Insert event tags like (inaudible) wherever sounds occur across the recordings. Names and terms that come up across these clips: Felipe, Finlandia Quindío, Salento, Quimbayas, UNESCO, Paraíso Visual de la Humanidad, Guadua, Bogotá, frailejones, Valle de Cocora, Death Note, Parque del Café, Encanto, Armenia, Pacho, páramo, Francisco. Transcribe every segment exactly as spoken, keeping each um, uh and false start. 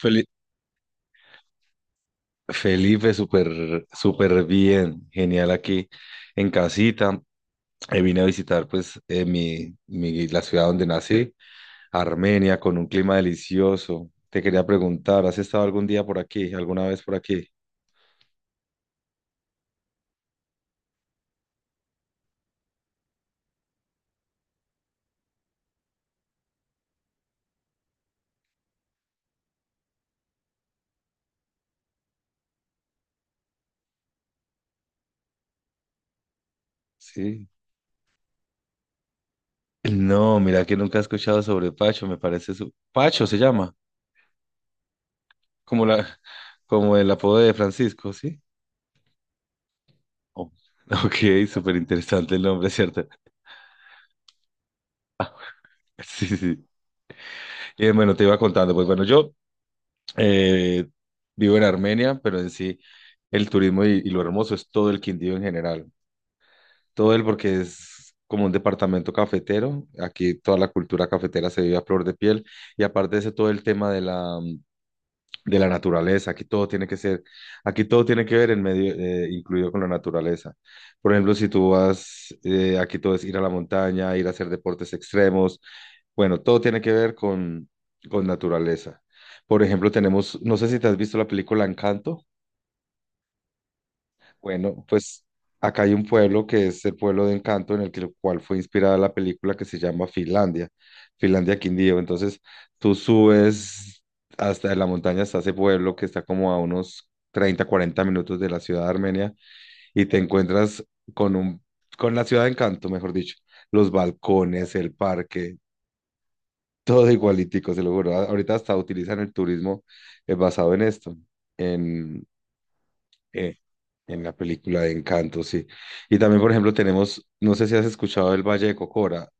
Feli- Felipe, súper, súper bien, genial aquí en casita. Eh, vine a visitar, pues eh, mi, mi- la ciudad donde nací, Armenia, con un clima delicioso. Te quería preguntar, ¿has estado algún día por aquí, alguna vez por aquí? Sí. No, mira que nunca he escuchado sobre Pacho, me parece su... Pacho se llama como la, como el apodo de Francisco, ¿sí? Oh, (laughs) ok, súper interesante el nombre, ¿cierto? (laughs) Sí, sí. Y bueno, te iba contando, pues bueno, yo... Eh, Vivo en Armenia, pero en sí el turismo y, y lo hermoso es todo el Quindío en general. Todo el, porque es como un departamento cafetero. Aquí toda la cultura cafetera se vive a flor de piel. Y aparte de eso, todo el tema de la, de la naturaleza. Aquí todo tiene que ser, aquí todo tiene que ver en medio, eh, incluido con la naturaleza. Por ejemplo, si tú vas, eh, aquí todo es ir a la montaña, ir a hacer deportes extremos. Bueno, todo tiene que ver con, con naturaleza. Por ejemplo, tenemos, no sé si te has visto la película Encanto. Bueno, pues acá hay un pueblo que es el pueblo de Encanto en el que- cual fue inspirada la película, que se llama Finlandia, Finlandia Quindío. Entonces tú subes hasta la montaña, hasta ese pueblo que está como a unos treinta cuarenta minutos de la ciudad de Armenia y te encuentras con un, con la ciudad de Encanto, mejor dicho, los balcones, el parque, todo igualitico, se lo juro. A- Ahorita hasta utilizan el turismo eh, basado en esto, en la película de Encanto, sí. Y también, por ejemplo, tenemos, no sé si has escuchado el Valle de Cocora.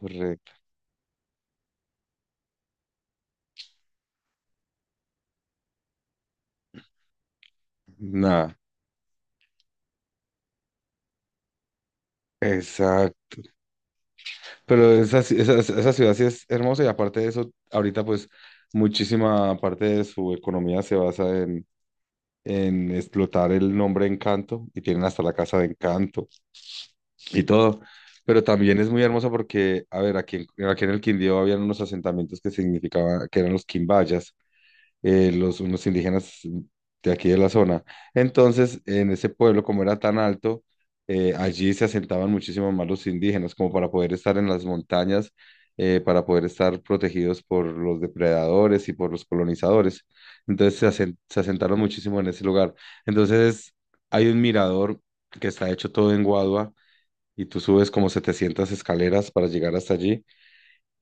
Correcto. Nada, exacto. Pero esa, ci- esa, esa ciudad sí es hermosa, y aparte de eso, ahorita pues muchísima parte de su economía se basa en, en explotar el nombre Encanto, y tienen hasta la casa de Encanto y todo. Pero también es muy hermosa porque, a ver, aquí en, aquí en el Quindío habían unos asentamientos que significaban que eran los Quimbayas, eh, los, unos indígenas de aquí de la zona. Entonces, en ese pueblo, como era tan alto, eh, allí se asentaban muchísimo más los indígenas, como para poder estar en las montañas, eh, para poder estar protegidos por los depredadores y por los colonizadores. Entonces, se, asen- se asentaron muchísimo en ese lugar. Entonces, hay un mirador que está hecho todo en Guadua. Y tú subes como setecientas escaleras para llegar hasta allí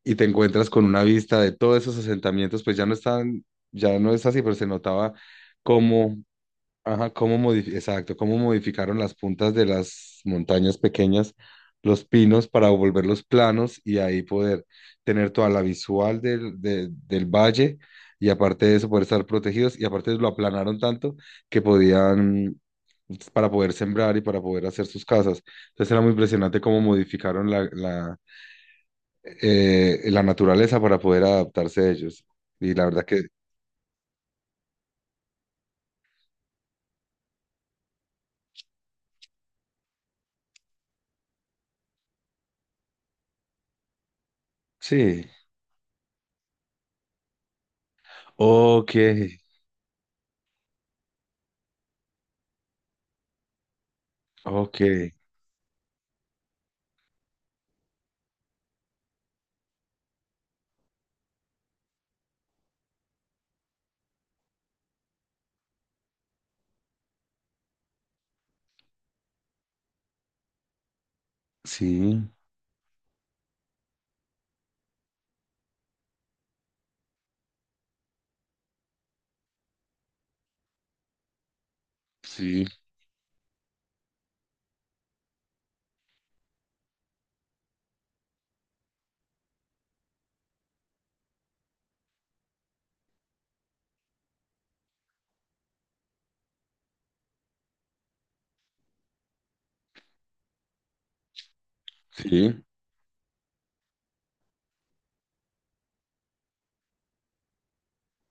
y te encuentras con una vista de todos esos asentamientos. Pues ya no están, ya no es así, pero se notaba cómo, ajá, cómo modifi- exacto, cómo modificaron las puntas de las montañas pequeñas, los pinos, para volverlos planos y ahí poder tener toda la visual del, de- del valle, y aparte de eso poder estar protegidos, y aparte lo aplanaron tanto que podían, pues, para poder sembrar y para poder hacer sus casas. Entonces era muy impresionante cómo modificaron la, la- eh, la naturaleza para poder adaptarse a ellos. Y la verdad que sí. Ok, ok. Sí, sí, sí.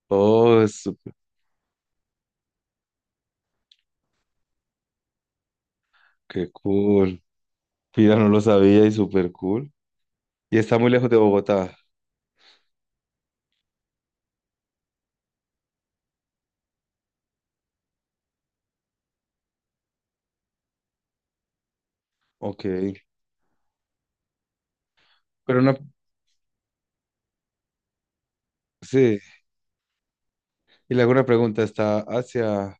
Oh, es súper- qué cool. Mira, no lo sabía, y súper cool. ¿Y está muy lejos de Bogotá? Ok. Pero una, sí. Y le hago una pregunta, ¿está hacia,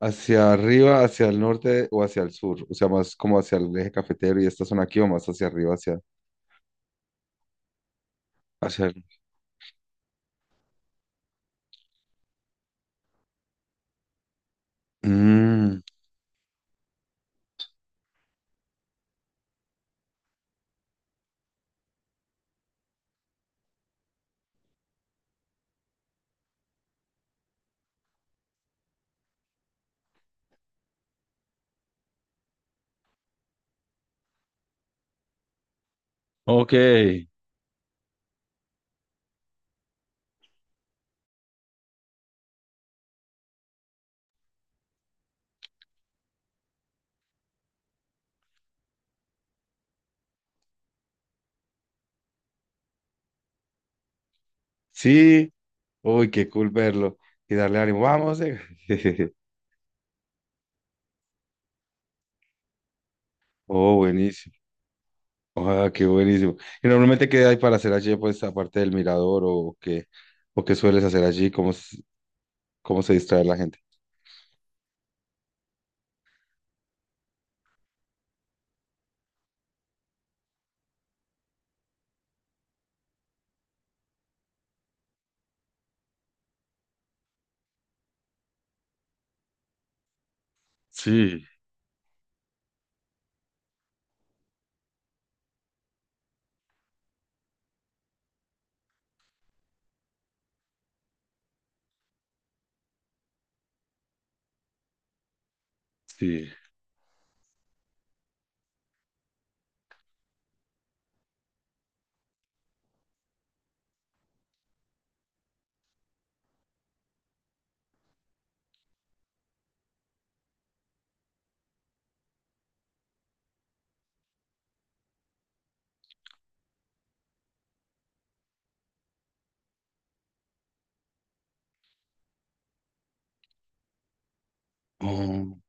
hacia arriba, hacia el norte o hacia el sur? O sea, más como hacia el eje cafetero y esta zona aquí, o más hacia arriba, hacia, hacia el... Mm, ok. Sí, uy, qué cool verlo y darle ánimo. "Vamos, eh". (laughs) Oh, buenísimo. Ah, qué buenísimo. ¿Y normalmente qué hay para hacer allí, pues, aparte del mirador, o qué, o qué sueles hacer allí? ¿Cómo, s- cómo se distrae la gente? Sí, sí. Mm,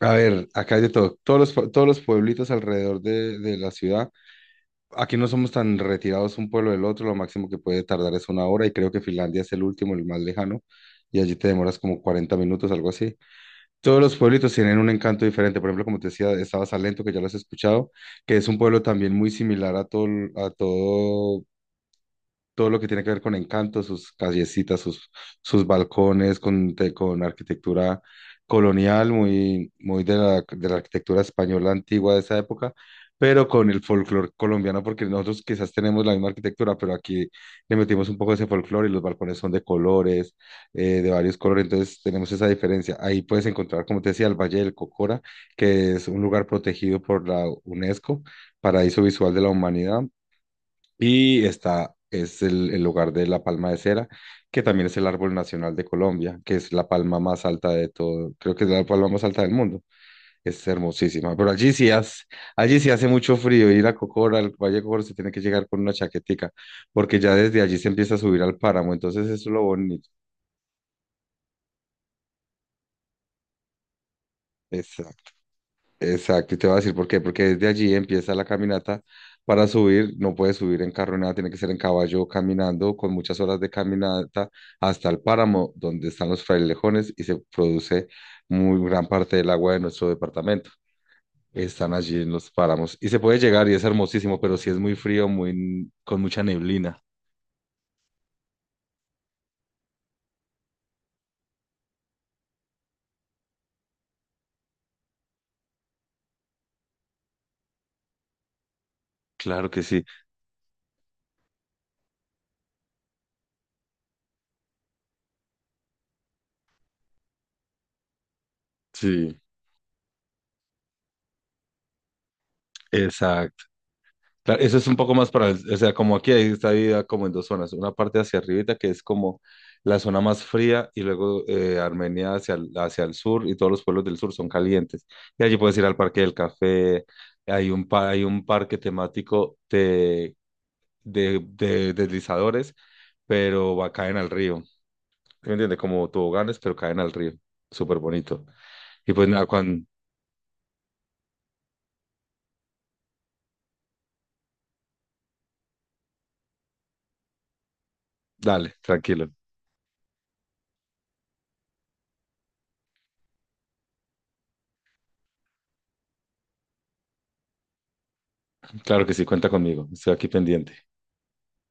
A ver, acá hay de todo. Todos los, pue- todos los pueblitos alrededor de, de la ciudad. Aquí no somos tan retirados un pueblo del otro. Lo máximo que puede tardar es una hora, y creo que Finlandia es el último, el más lejano. Y allí te demoras como cuarenta minutos, algo así. Todos los pueblitos tienen un encanto diferente. Por ejemplo, como te decía, estaba Salento, que ya lo has escuchado, que es un pueblo también muy similar a todo, a todo todo lo que tiene que ver con encanto: sus callecitas, sus, sus balcones, con, te- con arquitectura colonial, muy, muy de la, de la arquitectura española antigua de esa época, pero con el folclore colombiano, porque nosotros quizás tenemos la misma arquitectura, pero aquí le metimos un poco de ese folclore y los balcones son de colores, eh, de varios colores, entonces tenemos esa diferencia. Ahí puedes encontrar, como te decía, el Valle del Cocora, que es un lugar protegido por la UNESCO, Paraíso Visual de la Humanidad, y está, es el, el lugar de la palma de cera, que también es el árbol nacional de Colombia, que es la palma más alta de todo. Creo que es la palma más alta del mundo. Es hermosísima, pero allí sí hace, allí sí hace mucho frío. Ir a Cocora, al Valle de Cocora, se tiene que llegar con una chaquetica, porque ya desde allí se empieza a subir al páramo. Entonces eso es lo bonito. Exacto, y te voy a decir por qué: porque desde allí empieza la caminata. Para subir, no puedes subir en carro, ni nada, tiene que ser en caballo, caminando, con muchas horas de caminata hasta el páramo, donde están los frailejones y se produce muy gran parte del agua de nuestro departamento. Están allí en los páramos, y se puede llegar, y es hermosísimo, pero sí es muy frío, muy, con mucha neblina. Claro que sí. Sí, exacto. Claro, eso es un poco más para, el- o sea, como aquí ahí está dividida como en dos zonas, una parte hacia arribita que es como la zona más fría, y luego, eh, Armenia hacia el, hacia el sur, y todos los pueblos del sur son calientes. Y allí puedes ir al Parque del Café. Hay un, pa- hay un parque temático de, de, de deslizadores, pero va, caen al río, ¿sí? ¿Me entiendes? Como toboganes, pero caen al río, súper bonito. Y pues nada, Juan, dale, tranquilo, claro que sí, cuenta conmigo, estoy aquí pendiente.